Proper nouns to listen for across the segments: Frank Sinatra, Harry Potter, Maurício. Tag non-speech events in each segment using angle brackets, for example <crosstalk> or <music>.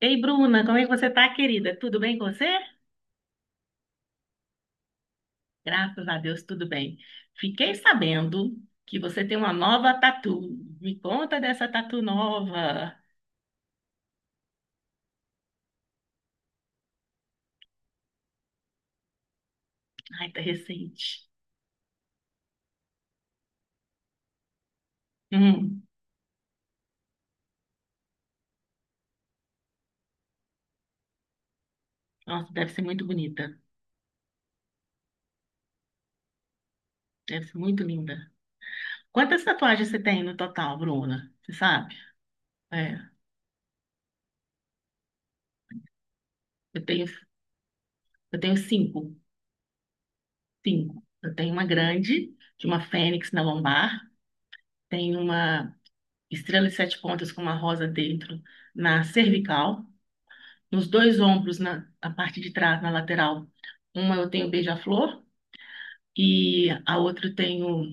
Ei, Bruna, como é que você tá, querida? Tudo bem com você? Graças a Deus, tudo bem. Fiquei sabendo que você tem uma nova tatu. Me conta dessa tatu nova. Ai, tá recente. Hum, Nossa, deve ser muito bonita. Deve ser muito linda. Quantas tatuagens você tem no total, Bruna? Você sabe? É, eu tenho, eu tenho cinco. Cinco. Eu tenho uma grande, de uma fênix na lombar. Tenho uma estrela de sete pontas com uma rosa dentro na cervical. Nos dois ombros, na parte de trás, na lateral. Uma eu tenho beija-flor e a outra eu tenho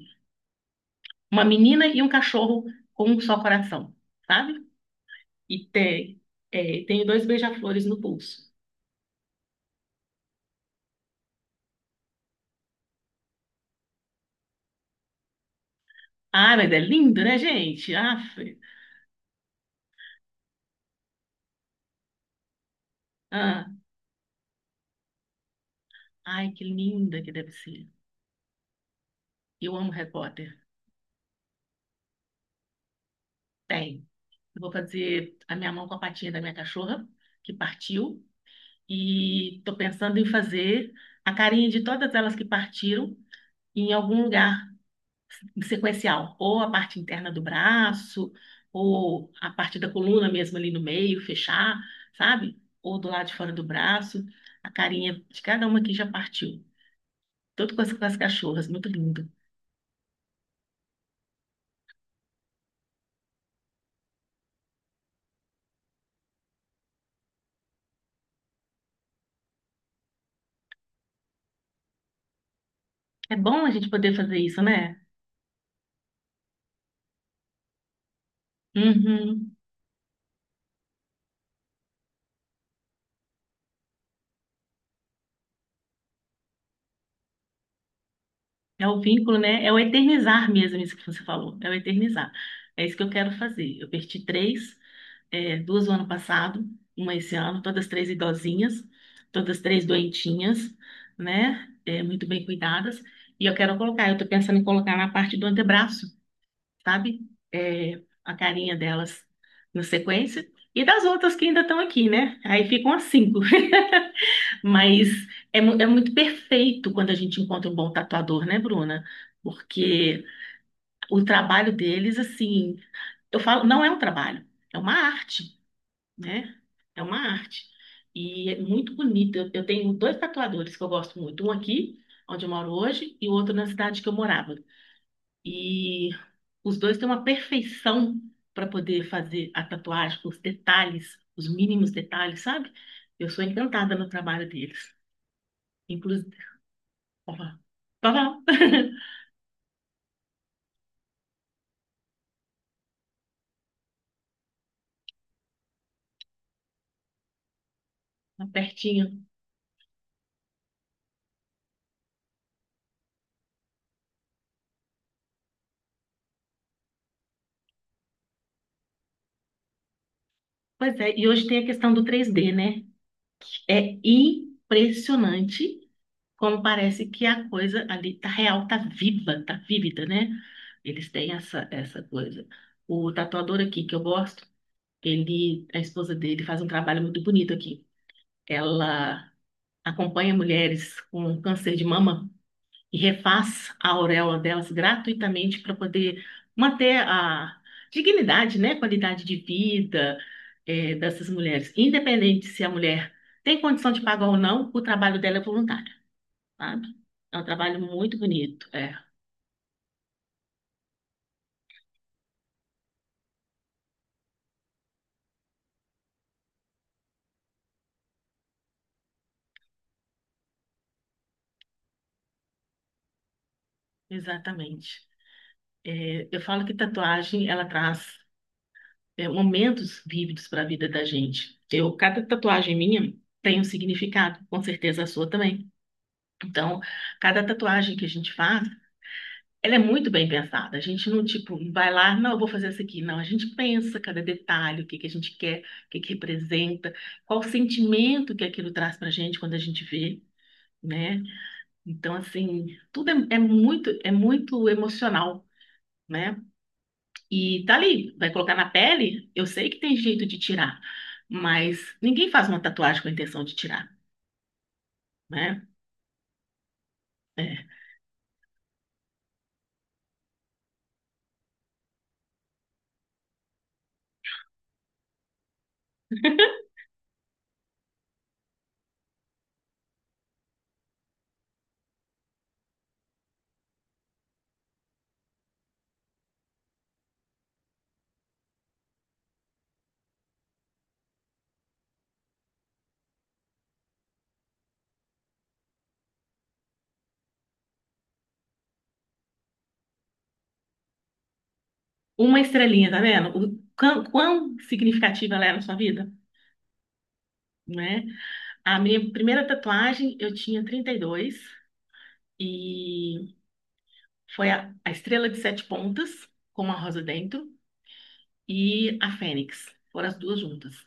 uma menina e um cachorro com um só coração, sabe? E tem, tenho dois beija-flores no pulso. Ah, mas é lindo, né, gente? Aff. Ah, ai, que linda que deve ser. Eu amo Harry Potter. Tem. Eu vou fazer a minha mão com a patinha da minha cachorra, que partiu. E tô pensando em fazer a carinha de todas elas que partiram em algum lugar sequencial, ou a parte interna do braço, ou a parte da coluna mesmo ali no meio, fechar, sabe? Ou do lado de fora do braço, a carinha de cada uma que já partiu. Tudo com as cachorras, muito lindo. É bom a gente poder fazer isso, né? Uhum. É o vínculo, né? É o eternizar mesmo, isso que você falou. É o eternizar. É isso que eu quero fazer. Eu perdi três. Duas no ano passado, uma esse ano, todas três idosinhas, todas três doentinhas, né? É, muito bem cuidadas. E eu quero colocar, eu tô pensando em colocar na parte do antebraço, sabe? É, a carinha delas na sequência. E das outras que ainda estão aqui, né? Aí ficam as cinco. <laughs> Mas é muito perfeito quando a gente encontra um bom tatuador, né, Bruna? Porque o trabalho deles, assim, eu falo, não é um trabalho, é uma arte, né? É uma arte. E é muito bonita. Eu tenho dois tatuadores que eu gosto muito. Um aqui, onde eu moro hoje, e o outro na cidade que eu morava. E os dois têm uma perfeição para poder fazer a tatuagem, os detalhes, os mínimos detalhes, sabe? Eu sou encantada no trabalho deles. Inclusive, opa, opa, <laughs> pertinho. Pois é, e hoje tem a questão do 3D, né? É impressionante como parece que a coisa ali tá real, tá viva, tá vívida, né? Eles têm essa coisa. O tatuador aqui que eu gosto, ele, a esposa dele faz um trabalho muito bonito aqui. Ela acompanha mulheres com câncer de mama e refaz a auréola delas gratuitamente para poder manter a dignidade, né? Qualidade de vida, dessas mulheres. Independente se a mulher tem condição de pagar ou não, o trabalho dela é voluntário, sabe? É um trabalho muito bonito, exatamente. É, eu falo que tatuagem, ela traz, momentos vívidos para a vida da gente. Eu, cada tatuagem minha tem um significado, com certeza a sua também. Então, cada tatuagem que a gente faz, ela é muito bem pensada. A gente não, tipo, vai lá, não, eu vou fazer essa aqui. Não, a gente pensa cada detalhe, o que que a gente quer, o que que representa, qual o sentimento que aquilo traz para a gente quando a gente vê, né? Então, assim, tudo é muito emocional, né? E tá ali, vai colocar na pele, eu sei que tem jeito de tirar, mas ninguém faz uma tatuagem com a intenção de tirar, né? É. Uma estrelinha, tá vendo? O quão significativa ela é na sua vida, né? A minha primeira tatuagem, eu tinha 32 e foi a estrela de sete pontas com uma rosa dentro e a fênix. Foram as duas juntas.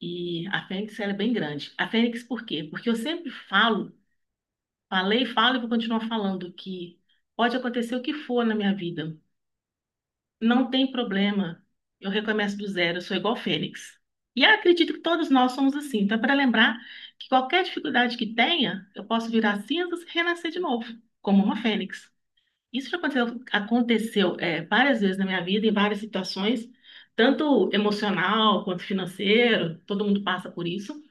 E a Fênix, ela é bem grande. A Fênix, por quê? Porque eu sempre falo, falei, falo e vou continuar falando que pode acontecer o que for na minha vida. Não tem problema. Eu recomeço do zero, eu sou igual Fênix. E eu acredito que todos nós somos assim. Então, é para lembrar que qualquer dificuldade que tenha, eu posso virar cinzas e renascer de novo, como uma Fênix. Isso já aconteceu, aconteceu, várias vezes na minha vida, em várias situações, tanto emocional quanto financeiro, todo mundo passa por isso,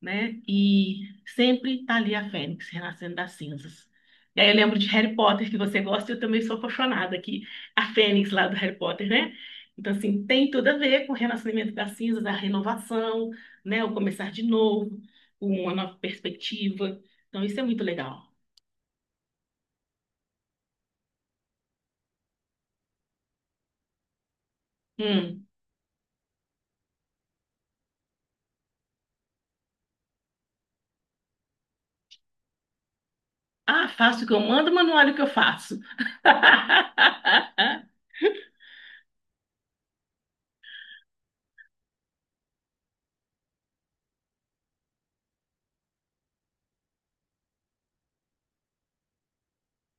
né? E sempre tá ali a Fênix renascendo das cinzas. E aí eu lembro de Harry Potter, que você gosta, e eu também sou apaixonada, que a Fênix lá do Harry Potter, né? Então, assim, tem tudo a ver com o renascimento das cinzas, a renovação, né? O começar de novo, uma nova perspectiva. Então, isso é muito legal. Hum. Ah, faço o que eu mando, mas não olho o que eu faço. <laughs>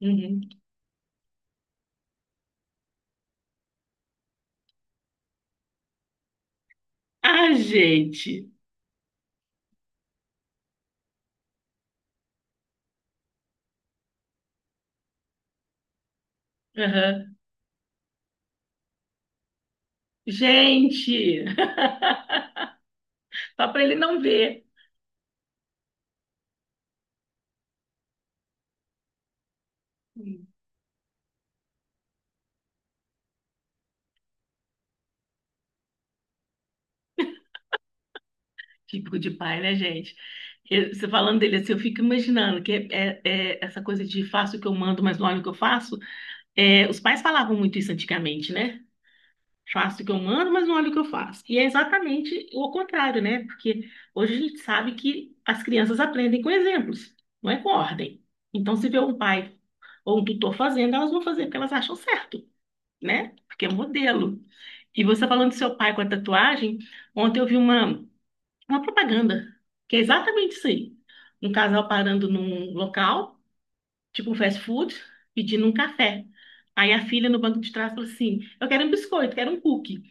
Uhum. Ah, gente. Aham. Gente, <laughs> só para ele não ver. Típico de pai, né, gente? Você falando dele assim, eu fico imaginando que é essa coisa de faço o que eu mando, mas não olho o que eu faço. É, os pais falavam muito isso antigamente, né? Faço o que eu mando, mas não olho o que eu faço. E é exatamente o contrário, né? Porque hoje a gente sabe que as crianças aprendem com exemplos, não é com ordem. Então, se vê um pai ou um tutor fazendo, elas vão fazer porque elas acham certo, né? Porque é um modelo. E você falando do seu pai com a tatuagem, ontem eu vi uma. Uma propaganda, que é exatamente isso aí. Um casal parando num local, tipo um fast food, pedindo um café. Aí a filha no banco de trás fala assim: eu quero um biscoito, quero um cookie.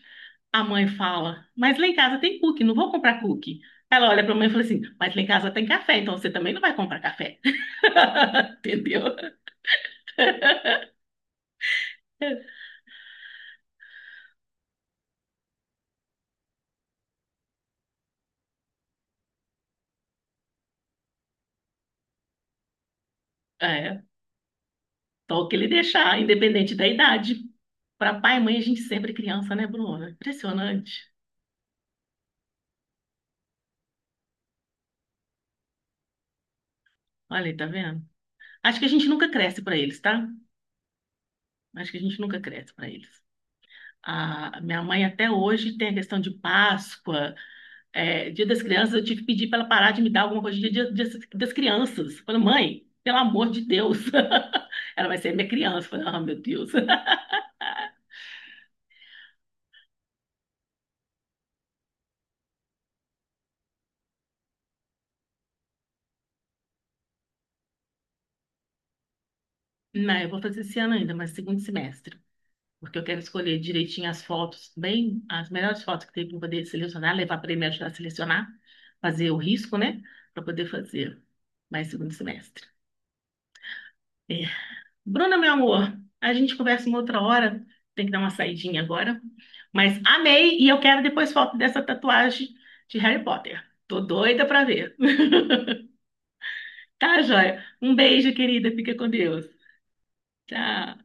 A mãe fala: mas lá em casa tem cookie, não vou comprar cookie. Ela olha para a mãe e fala assim: mas lá em casa tem café, então você também não vai comprar café. <laughs> Entendeu? É, só o que ele deixar, independente da idade. Para pai e mãe, a gente sempre é criança, né, Bruna? Impressionante. Olha aí, tá vendo? Acho que a gente nunca cresce para eles, tá? Acho que a gente nunca cresce para eles. A minha mãe até hoje tem a questão de Páscoa, é, Dia das Crianças. Eu tive que pedir para ela parar de me dar alguma coisa de Dia das Crianças. Eu falei: mãe, pelo amor de Deus. <laughs> Ela vai ser minha criança. Eu falei: ah, meu Deus. <laughs> Não, eu vou fazer esse ano ainda, mas segundo semestre. Porque eu quero escolher direitinho as fotos, bem, as melhores fotos que tem para poder selecionar, levar para ele me ajudar a selecionar, fazer o risco, né? Para poder fazer mais segundo semestre. É, Bruna, meu amor, a gente conversa uma outra hora. Tem que dar uma saidinha agora. Mas amei e eu quero depois foto dessa tatuagem de Harry Potter. Tô doida pra ver. <laughs> Tá, joia? Um beijo, querida. Fica com Deus. Tchau.